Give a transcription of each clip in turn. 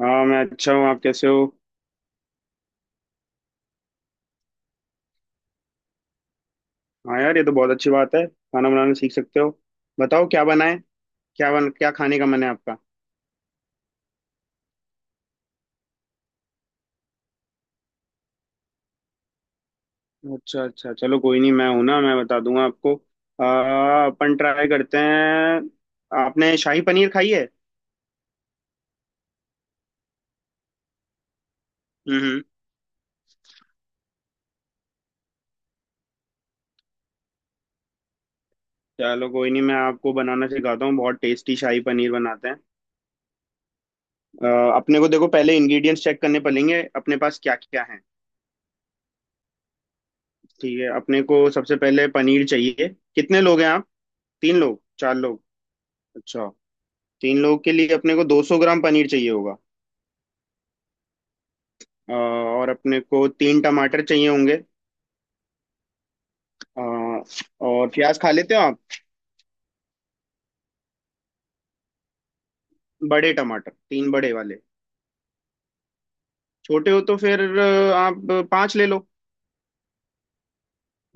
हाँ, मैं अच्छा हूँ। आप कैसे हो? हाँ यार, ये तो बहुत अच्छी बात है, खाना बनाना सीख सकते हो। बताओ क्या बनाए। क्या खाने का मन है आपका? अच्छा अच्छा, चलो कोई नहीं, मैं हूं ना, मैं बता दूंगा आपको। अपन ट्राई करते हैं। आपने शाही पनीर खाई है? हम्म। चलो कोई नहीं, मैं आपको बनाना सिखाता हूँ, बहुत टेस्टी शाही पनीर बनाते हैं। अपने को देखो, पहले इंग्रेडिएंट्स चेक करने पड़ेंगे, अपने पास क्या क्या है। ठीक है, अपने को सबसे पहले पनीर चाहिए। कितने लोग हैं आप? तीन लोग चार लोग। अच्छा। तीन लोगों के लिए अपने को 200 ग्राम पनीर चाहिए होगा। और अपने को तीन टमाटर चाहिए होंगे। अ, और प्याज खा लेते हो आप? बड़े टमाटर, तीन बड़े वाले। छोटे हो तो फिर आप पांच ले लो।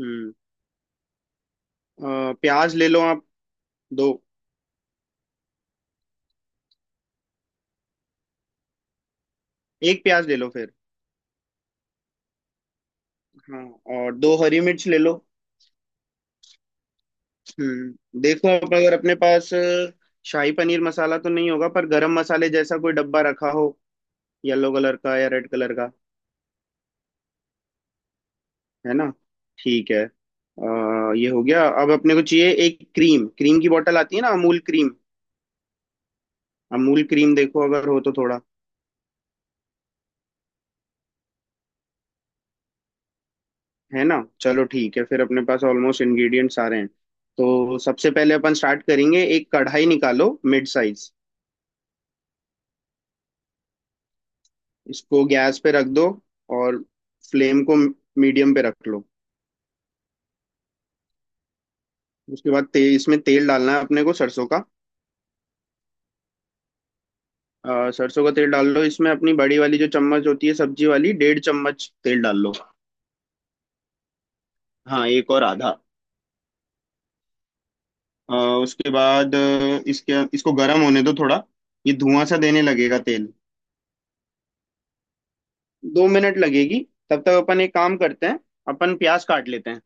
हम्म। प्याज ले लो आप, दो। एक प्याज ले लो फिर। हाँ। और दो हरी मिर्च ले लो। हम्म, देखो आप अगर अपने पास शाही पनीर मसाला तो नहीं होगा, पर गरम मसाले जैसा कोई डब्बा रखा हो। येलो कलर का या रेड कलर का। है ना? ठीक है, ये हो गया। अब अपने को चाहिए एक क्रीम, क्रीम की बोतल आती है ना, अमूल क्रीम। अमूल क्रीम देखो, अगर हो तो थोड़ा। है ना, चलो ठीक है, फिर अपने पास ऑलमोस्ट इंग्रेडिएंट सारे हैं। तो सबसे पहले अपन स्टार्ट करेंगे, एक कढ़ाई निकालो, मिड साइज। इसको गैस पे रख दो और फ्लेम को मीडियम पे रख लो। उसके बाद इसमें तेल डालना है अपने को, सरसों का। सरसों का तेल डाल लो, इसमें अपनी बड़ी वाली जो चम्मच होती है सब्जी वाली, डेढ़ चम्मच तेल डाल लो। हाँ, एक और आधा। अ, उसके बाद इसके इसको गर्म होने दो थोड़ा। ये धुआं सा देने लगेगा तेल। 2 मिनट लगेगी। तब तक अपन एक काम करते हैं, अपन प्याज काट लेते हैं।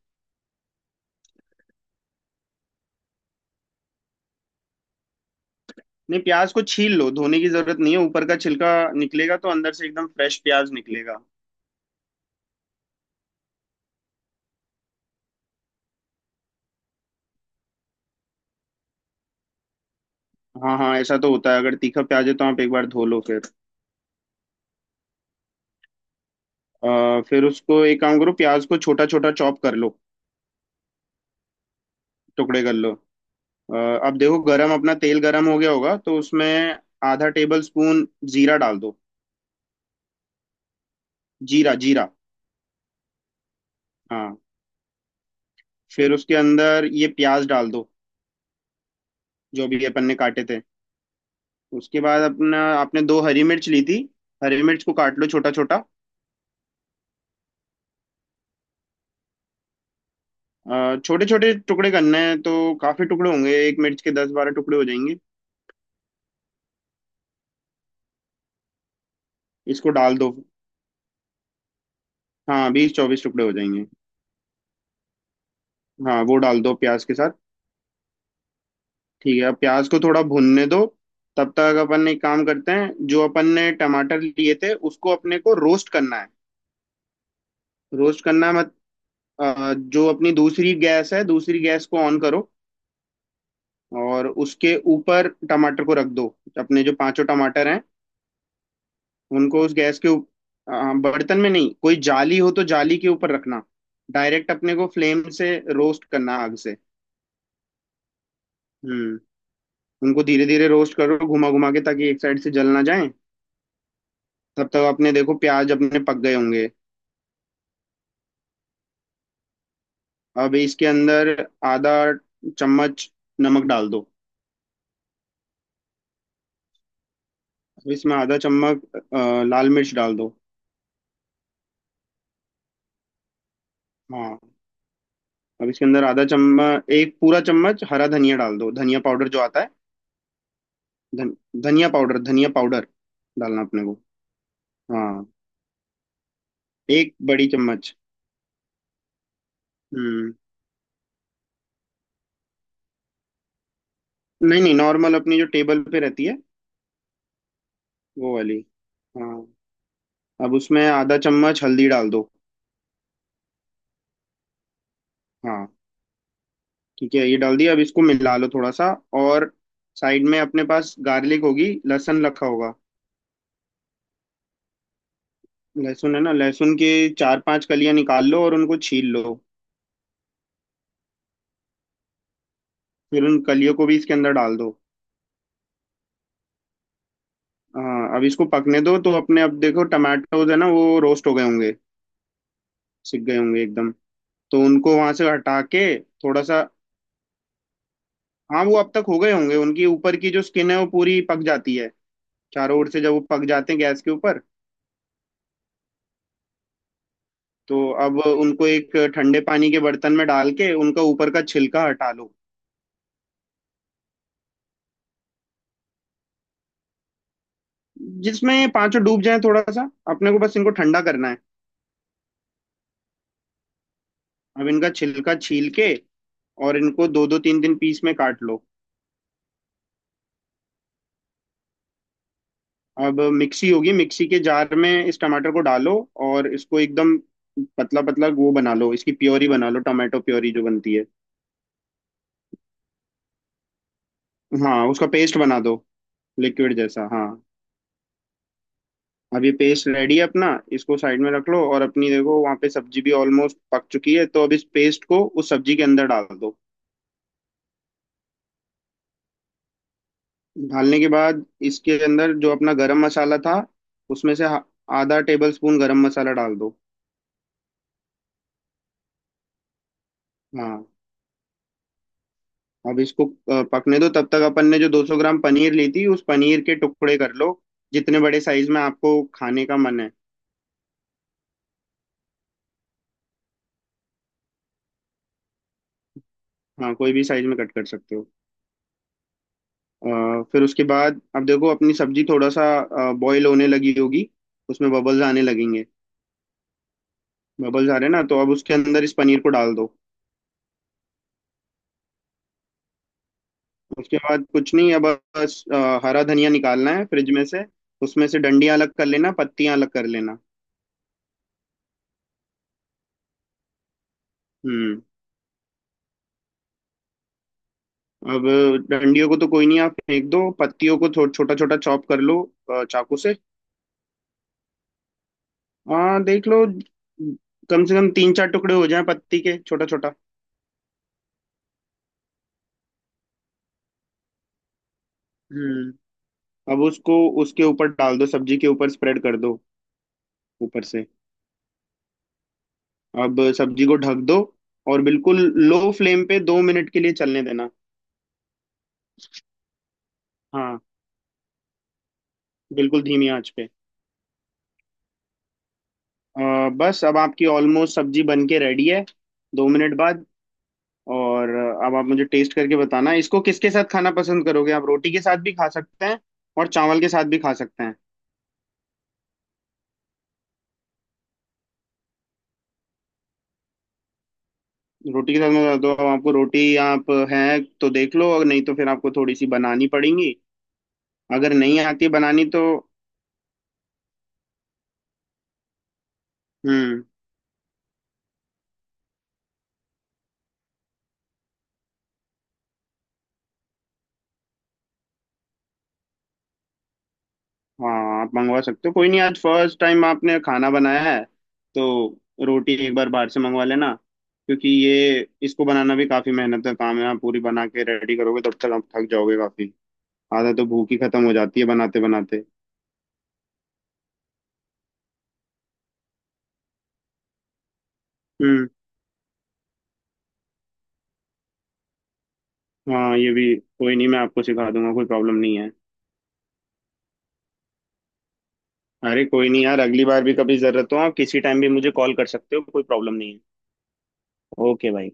नहीं, प्याज को छील लो, धोने की जरूरत नहीं है। ऊपर का छिलका निकलेगा तो अंदर से एकदम फ्रेश प्याज निकलेगा। हाँ हाँ, ऐसा तो होता है, अगर तीखा प्याज है तो आप एक बार धो लो फिर। फिर उसको एक काम करो, प्याज को छोटा छोटा चॉप कर लो, टुकड़े कर लो। अ, अब देखो, गरम, अपना तेल गरम हो गया होगा, तो उसमें आधा टेबल स्पून जीरा डाल दो। जीरा जीरा। हाँ, फिर उसके अंदर ये प्याज डाल दो, जो भी अपन ने काटे थे। उसके बाद अपना, आपने दो हरी मिर्च ली थी, हरी मिर्च को काट लो छोटा छोटा। छोटे छोटे टुकड़े करने हैं, तो काफी टुकड़े होंगे, एक मिर्च के 10-12 टुकड़े हो जाएंगे। इसको डाल दो। हाँ, 20-24 टुकड़े हो जाएंगे। हाँ, वो डाल दो प्याज के साथ। ठीक है, अब प्याज को थोड़ा भुनने दो। तब तक अपन एक काम करते हैं, जो अपन ने टमाटर लिए थे उसको अपने को रोस्ट करना है। रोस्ट करना है। मत अ, जो अपनी दूसरी गैस है, दूसरी गैस को ऑन करो और उसके ऊपर टमाटर को रख दो, अपने जो पांचों टमाटर हैं। उनको उस गैस के ऊप- बर्तन में नहीं, कोई जाली हो तो जाली के ऊपर रखना। डायरेक्ट अपने को फ्लेम से रोस्ट करना, आग से। हम्म। उनको धीरे धीरे रोस्ट करो, घुमा घुमा के, ताकि एक साइड से जल ना जाए। तब तक अपने देखो प्याज अपने पक गए होंगे। अब इसके अंदर आधा चम्मच नमक डाल दो। अब इसमें आधा चम्मच लाल मिर्च डाल दो। हाँ। अब इसके अंदर आधा चम्मच, एक पूरा चम्मच हरा धनिया डाल दो, धनिया पाउडर जो आता है। धन धनिया पाउडर, धनिया पाउडर डालना अपने को। हाँ, एक बड़ी चम्मच। हम्म। नहीं नहीं, नॉर्मल, अपनी जो टेबल पे रहती है वो वाली। हाँ, अब उसमें आधा चम्मच हल्दी डाल दो। हाँ। ठीक है, ये डाल दिया, अब इसको मिला लो थोड़ा सा। और साइड में अपने पास गार्लिक होगी, लहसुन रखा होगा। लहसुन है ना, लहसुन के चार पांच कलियां निकाल लो और उनको छील लो। फिर उन कलियों को भी इसके अंदर डाल दो। हाँ, अब इसको पकने दो। तो अपने अब देखो, टमाटोज है ना, वो रोस्ट हो गए होंगे, सिक गए होंगे एकदम। तो उनको वहां से हटा के, थोड़ा सा। हाँ, वो अब तक हो गए होंगे, उनकी ऊपर की जो स्किन है वो पूरी पक जाती है चारों ओर से, जब वो पक जाते हैं गैस के ऊपर। तो अब उनको एक ठंडे पानी के बर्तन में डाल के उनका ऊपर का छिलका हटा लो। जिसमें ये पांचों डूब जाए, थोड़ा सा। अपने को बस इनको ठंडा करना है। अब इनका छिलका छील के और इनको दो दो तीन तीन पीस में काट लो। अब मिक्सी होगी, मिक्सी के जार में इस टमाटर को डालो और इसको एकदम पतला पतला वो बना लो, इसकी प्योरी बना लो, टमाटो प्योरी जो बनती है। हाँ, उसका पेस्ट बना दो। लिक्विड जैसा, हाँ। अब ये पेस्ट रेडी है अपना, इसको साइड में रख लो। और अपनी देखो वहाँ पे सब्जी भी ऑलमोस्ट पक चुकी है, तो अब इस पेस्ट को उस सब्जी के अंदर डाल दो। डालने के बाद, इसके अंदर जो अपना गरम मसाला था उसमें से आधा टेबल स्पून गरम मसाला डाल दो। हाँ। अब इसको पकने दो। तब तक अपन ने जो 200 ग्राम पनीर ली थी, उस पनीर के टुकड़े कर लो, जितने बड़े साइज में आपको खाने का मन है। हाँ, कोई भी साइज में कट कर सकते हो। फिर उसके बाद अब देखो अपनी सब्जी थोड़ा सा बॉईल होने लगी होगी, उसमें बबल्स आने लगेंगे। बबल्स आ रहे हैं ना, तो अब उसके अंदर इस पनीर को डाल दो। उसके बाद कुछ नहीं, अब बस हरा धनिया निकालना है फ्रिज में से, उसमें से डंडियां अलग कर लेना, पत्तियां अलग कर लेना। हम्म। अब डंडियों को तो कोई नहीं, आप फेंक दो, पत्तियों को छोटा छोटा चॉप कर लो, चाकू से। हाँ देख लो, कम से कम तीन चार टुकड़े हो जाएं पत्ती के, छोटा छोटा। हम्म। अब उसको, उसके ऊपर डाल दो, सब्जी के ऊपर स्प्रेड कर दो। ऊपर से अब सब्जी को ढक दो और बिल्कुल लो फ्लेम पे 2 मिनट के लिए चलने देना। हाँ, बिल्कुल धीमी आंच पे। बस अब आपकी ऑलमोस्ट सब्जी बन के रेडी है, 2 मिनट बाद। और अब आप मुझे टेस्ट करके बताना, इसको किसके साथ खाना पसंद करोगे आप, रोटी के साथ भी खा सकते हैं और चावल के साथ भी खा सकते हैं। रोटी के साथ मैं बता दूं, अब आपको रोटी आप है तो देख लो, और नहीं तो फिर आपको थोड़ी सी बनानी पड़ेंगी, अगर नहीं आती बनानी तो। हम्म। हाँ, आप मंगवा सकते हो, कोई नहीं, आज फर्स्ट टाइम आपने खाना बनाया है तो रोटी एक बार बाहर से मंगवा लेना, क्योंकि ये इसको बनाना भी काफी मेहनत का काम है, आप पूरी बना के रेडी करोगे तब तक आप थक जाओगे काफी। आधा तो भूख ही खत्म हो जाती है बनाते बनाते। हम्म। हाँ, ये भी कोई नहीं, मैं आपको सिखा दूंगा, कोई प्रॉब्लम नहीं है। अरे कोई नहीं यार, अगली बार भी कभी जरूरत हो आप किसी टाइम भी मुझे कॉल कर सकते हो, कोई प्रॉब्लम नहीं है। ओके भाई।